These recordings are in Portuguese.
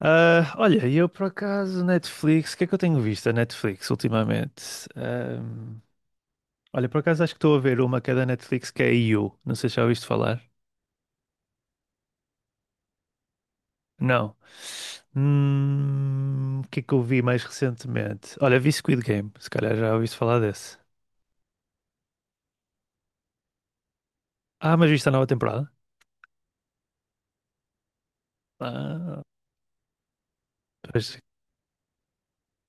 Ah, olha, e eu por acaso, Netflix, o que é que eu tenho visto a Netflix ultimamente? Ahm, Olha, por acaso acho que estou a ver uma que é da Netflix que é You, não sei se já ouviste falar. Não. O que é que eu vi mais recentemente? Olha, vi Squid Game, se calhar já ouviste falar desse. Ah, mas viste a nova temporada? Ah, pois,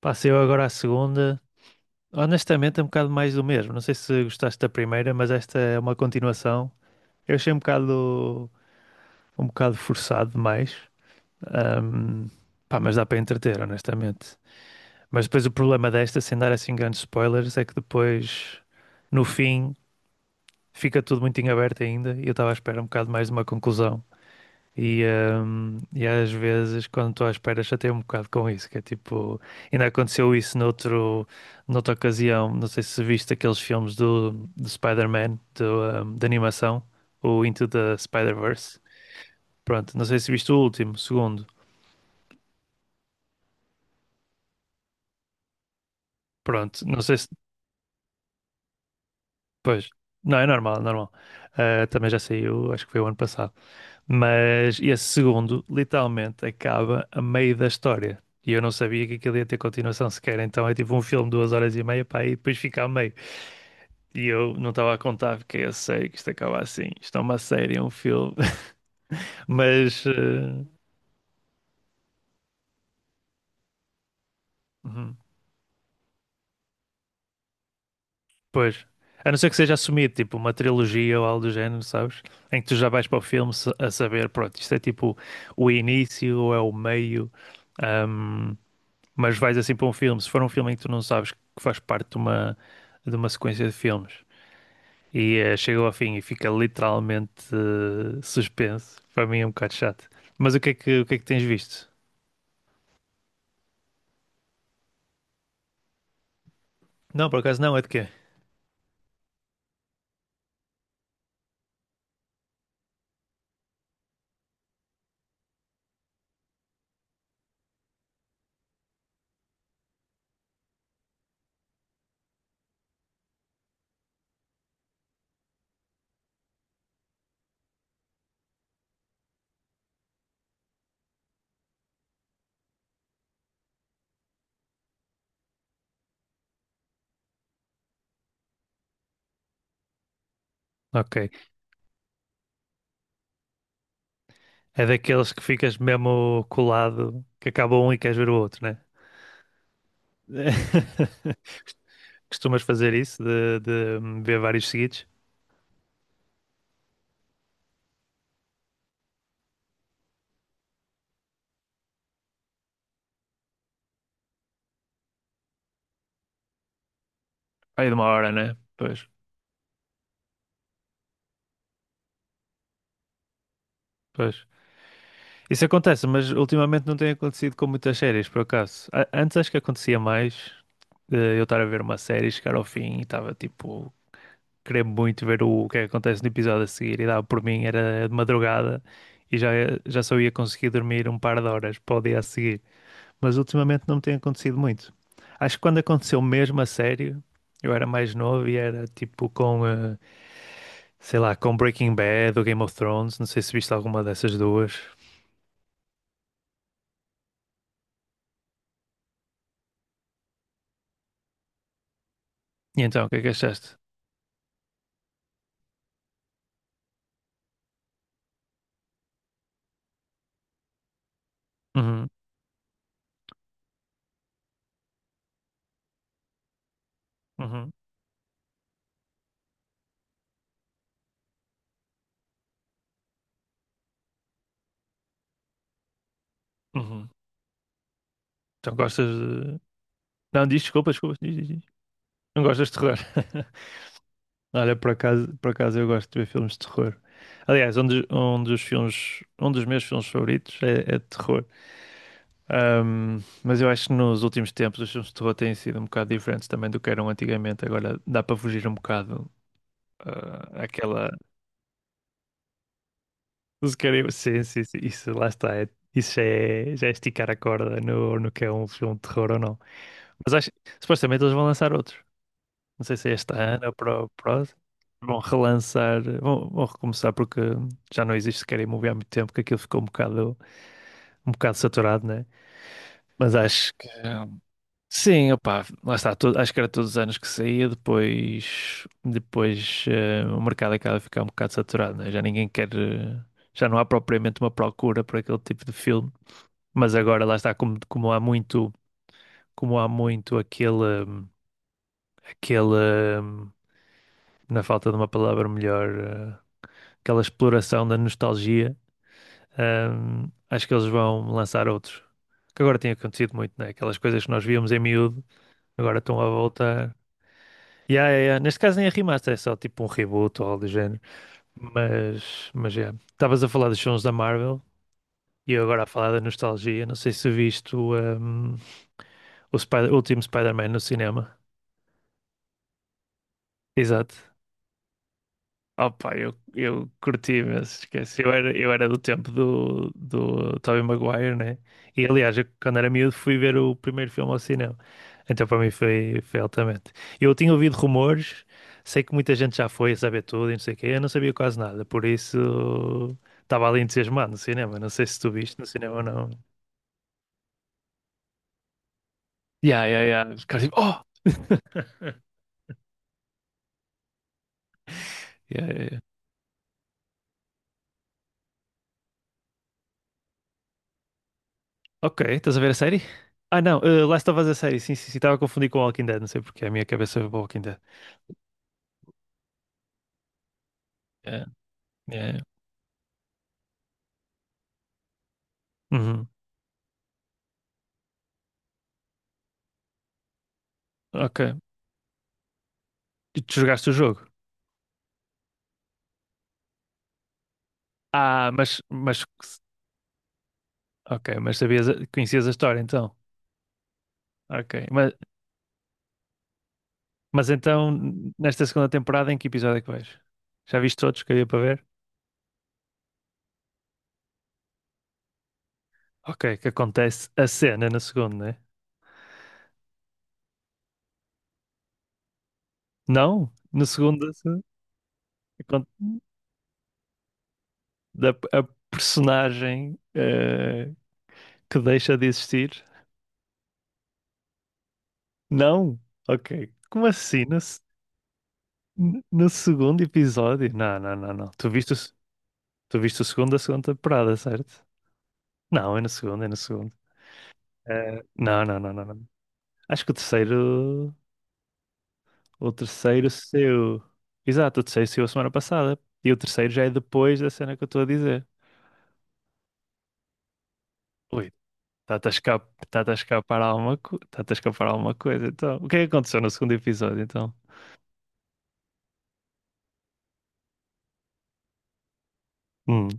passei eu agora à segunda. Honestamente, é um bocado mais do mesmo. Não sei se gostaste da primeira, mas esta é uma continuação. Eu achei um bocado forçado demais. Ahm, Pá, mas dá para entreter, honestamente. Mas depois o problema desta, sem dar assim grandes spoilers, é que depois, no fim, fica tudo muito em aberto ainda. E eu estava à espera um bocado mais de uma conclusão. E às vezes, quando estou à espera, chateio um bocado com isso. Que é tipo, ainda aconteceu isso noutro, noutra ocasião. Não sei se viste aqueles filmes do Spider-Man, do, de animação, o Into the Spider-Verse. Pronto, não sei se viste o último, o segundo. Pronto, não sei se. Pois, não, é normal, é normal. Ah, também já saiu, acho que foi o ano passado. Mas esse segundo, literalmente, acaba a meio da história. E eu não sabia que aquilo ia ter continuação sequer. Então é tipo um filme de 2 horas e meia para aí depois fica a meio. E eu não estava a contar, porque eu sei que isto acaba assim. Isto é uma série, é um filme. Mas. Ah, uhum. Pois. A não ser que seja assumido, tipo, uma trilogia ou algo do género, sabes? Em que tu já vais para o filme a saber, pronto, isto é tipo o início ou é o meio, ahm, mas vais assim para um filme. Se for um filme em que tu não sabes que faz parte de uma sequência de filmes e chega ao fim e fica literalmente suspenso, para mim é um bocado chato. Mas o que é que, o que é que tens visto? Não, por acaso não, é de quê? Ok. É daqueles que ficas mesmo colado, que acaba um e queres ver o outro, né? Costumas fazer isso de ver vários seguidos? Aí de uma hora, né? Pois, pois. Isso acontece, mas ultimamente não tem acontecido com muitas séries, por acaso. Antes acho que acontecia mais de eu estar a ver uma série, chegar ao fim e estava tipo, querer muito ver o que é que acontece no episódio a seguir e dava por mim, era de madrugada e já, já só ia conseguir dormir um par de horas para o dia a seguir. Mas ultimamente não me tem acontecido muito. Acho que quando aconteceu mesmo a sério, eu era mais novo e era tipo com. Sei lá, com Breaking Bad ou Game of Thrones, não sei se viste alguma dessas duas. E então, o que é que achaste? Uhum, uhum, uhum. Então gostas de... Não, diz desculpa, desculpa, diz, diz, diz. Não gostas de terror. Olha, por acaso eu gosto de ver filmes de terror. Aliás, um dos filmes, um dos meus filmes favoritos é, é de terror. Mas eu acho que nos últimos tempos os filmes de terror têm sido um bocado diferentes também do que eram antigamente. Agora dá para fugir um bocado ah, àquela Os carimbos, sim, sim, sim, isso lá está. Isso já é esticar a corda no, no que é um filme de terror ou não. Mas acho, supostamente eles vão lançar outros. Não sei se é este ano ou para o próximo. Vão relançar, vão, vão recomeçar porque já não existe Scary Movie há muito tempo, que aquilo ficou um bocado saturado, né? Mas acho que sim, opá, lá está, acho que era todos os anos que saía, depois, depois o mercado acaba a ficar um bocado saturado, né? Já ninguém quer, já não há propriamente uma procura por aquele tipo de filme, mas agora lá está, como, como há muito aquele, aquele, na falta de uma palavra melhor, aquela exploração da nostalgia, acho que eles vão lançar outros, que agora tem acontecido muito, né? Aquelas coisas que nós víamos em miúdo, agora estão à volta. Yeah, yeah, yeah. Neste caso nem é remaster, é só tipo um reboot ou algo do género. Mas yeah. Estavas a falar dos filmes da Marvel e eu agora a falar da nostalgia. Não sei se viste o, um, o o último Spider-Man no cinema. Exato. Opa, eu curti, mas esquece. Eu era do tempo do, do Tobey Maguire, né? E aliás, eu, quando era miúdo fui ver o primeiro filme ao cinema. Então para mim foi, foi altamente. Eu tinha ouvido rumores, sei que muita gente já foi a saber tudo e não sei o quê, eu não sabia quase nada, por isso estava ali entusiasmado no cinema. Não sei se tu viste no cinema ou não. Yeah, yeah, yeah. Os caras tipo, oh! Yeah, yeah, yeah. Ok, estás a ver a série? Ah não, Last of Us a série, sim, sim, sim, estava a confundir com Walking Dead, não sei porque a minha cabeça foi para Walking Dead. Yeah, yeah. Uhum. Ok. E tu jogaste o jogo? Ah, mas, ok, mas sabias, conhecias a história então? Ok, mas então, nesta segunda temporada, em que episódio é que vais? Já viste todos que havia para ver? Ok, que acontece a cena na segunda, né? Não, na segunda acon- da a personagem que deixa de existir. Não, ok. Como assim? No segundo episódio? Não, não, não, não. Tu viste o, tu viste o segundo da segunda temporada, certo? Não, é no segundo, é no segundo. Não, não, não, não, não. Acho que o terceiro. O terceiro saiu. Exato, o terceiro saiu a semana passada. E o terceiro já é depois da cena que eu estou a dizer. Ui, está-te a escapar alguma, está-te a escapar alguma coisa. Então, o que é que aconteceu no segundo episódio, então? Hum,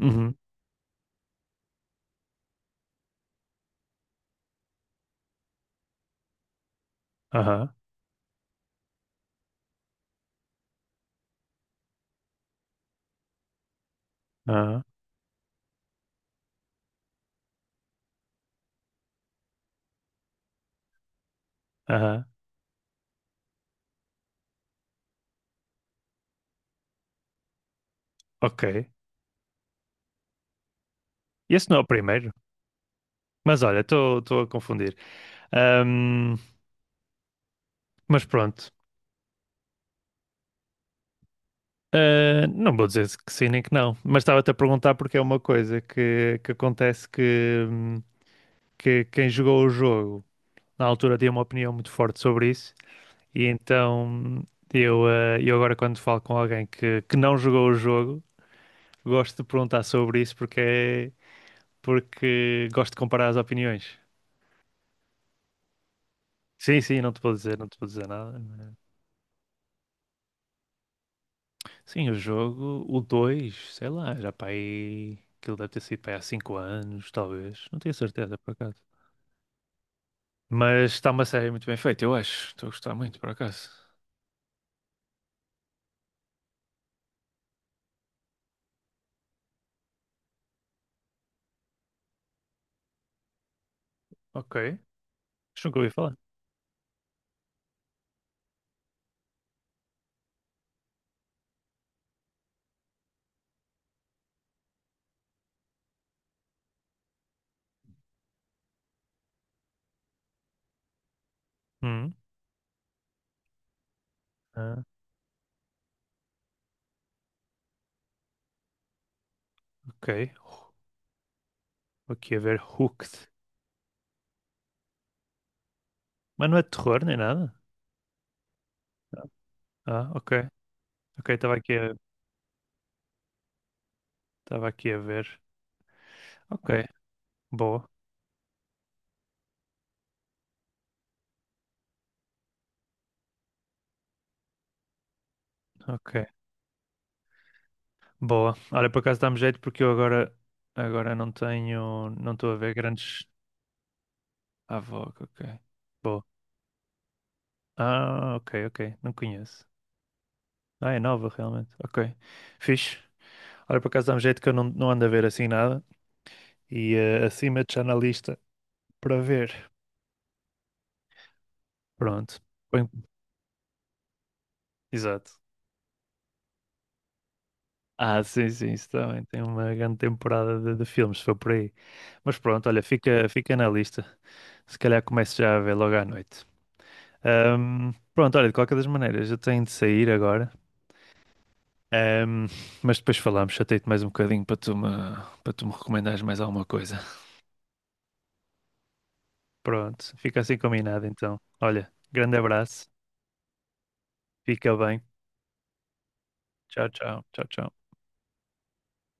uhum, aham, aham, aham, ok. Esse não é o primeiro. Mas olha, estou a confundir. Ahm, mas pronto. Ah, não vou dizer que sim nem que não. Mas estava-te a perguntar porque é uma coisa que acontece que quem jogou o jogo. Na altura dei uma opinião muito forte sobre isso, e então eu, eu agora quando falo com alguém que não jogou o jogo, gosto de perguntar sobre isso porque, porque gosto de comparar as opiniões. Sim, sim, não te vou dizer, não te vou dizer nada. Mas- Sim, o jogo, o 2 sei lá, já para aí, aquilo deve ter sido para aí há 5 anos, talvez, não tenho certeza por acaso. Mas está uma série muito bem feita, eu acho. Estou a gostar muito, por acaso. Ok. Acho que nunca ouvi falar. Hum. Ah, ok. Vou aqui a ver Hooked. Mas não é de terror nem nada? Ah, ok. Ok, estava aqui a ver. Ok, boa. Ok, boa. Olha, por acaso dá-me jeito porque eu agora, agora não tenho, não estou a ver grandes... Ah, Vogue, ok. Boa. Ah, ok, ok. Não conheço. Ah, é nova realmente. Ok, fixe. Olha, por acaso dá-me jeito que eu não, não ando a ver assim nada. E acima de já na lista para ver. Pronto. Põe- Exato. Ah, sim, sim, isso também tem uma grande temporada de filmes, se for por aí. Mas pronto, olha, fica, fica na lista. Se calhar começo já a ver logo à noite. Pronto, olha, de qualquer das maneiras, eu tenho de sair agora. Ahm, mas depois falamos, chatei-te mais um bocadinho para tu me recomendares mais alguma coisa. Pronto, fica assim combinado então. Olha, grande abraço, fica bem. Tchau, tchau, tchau, tchau.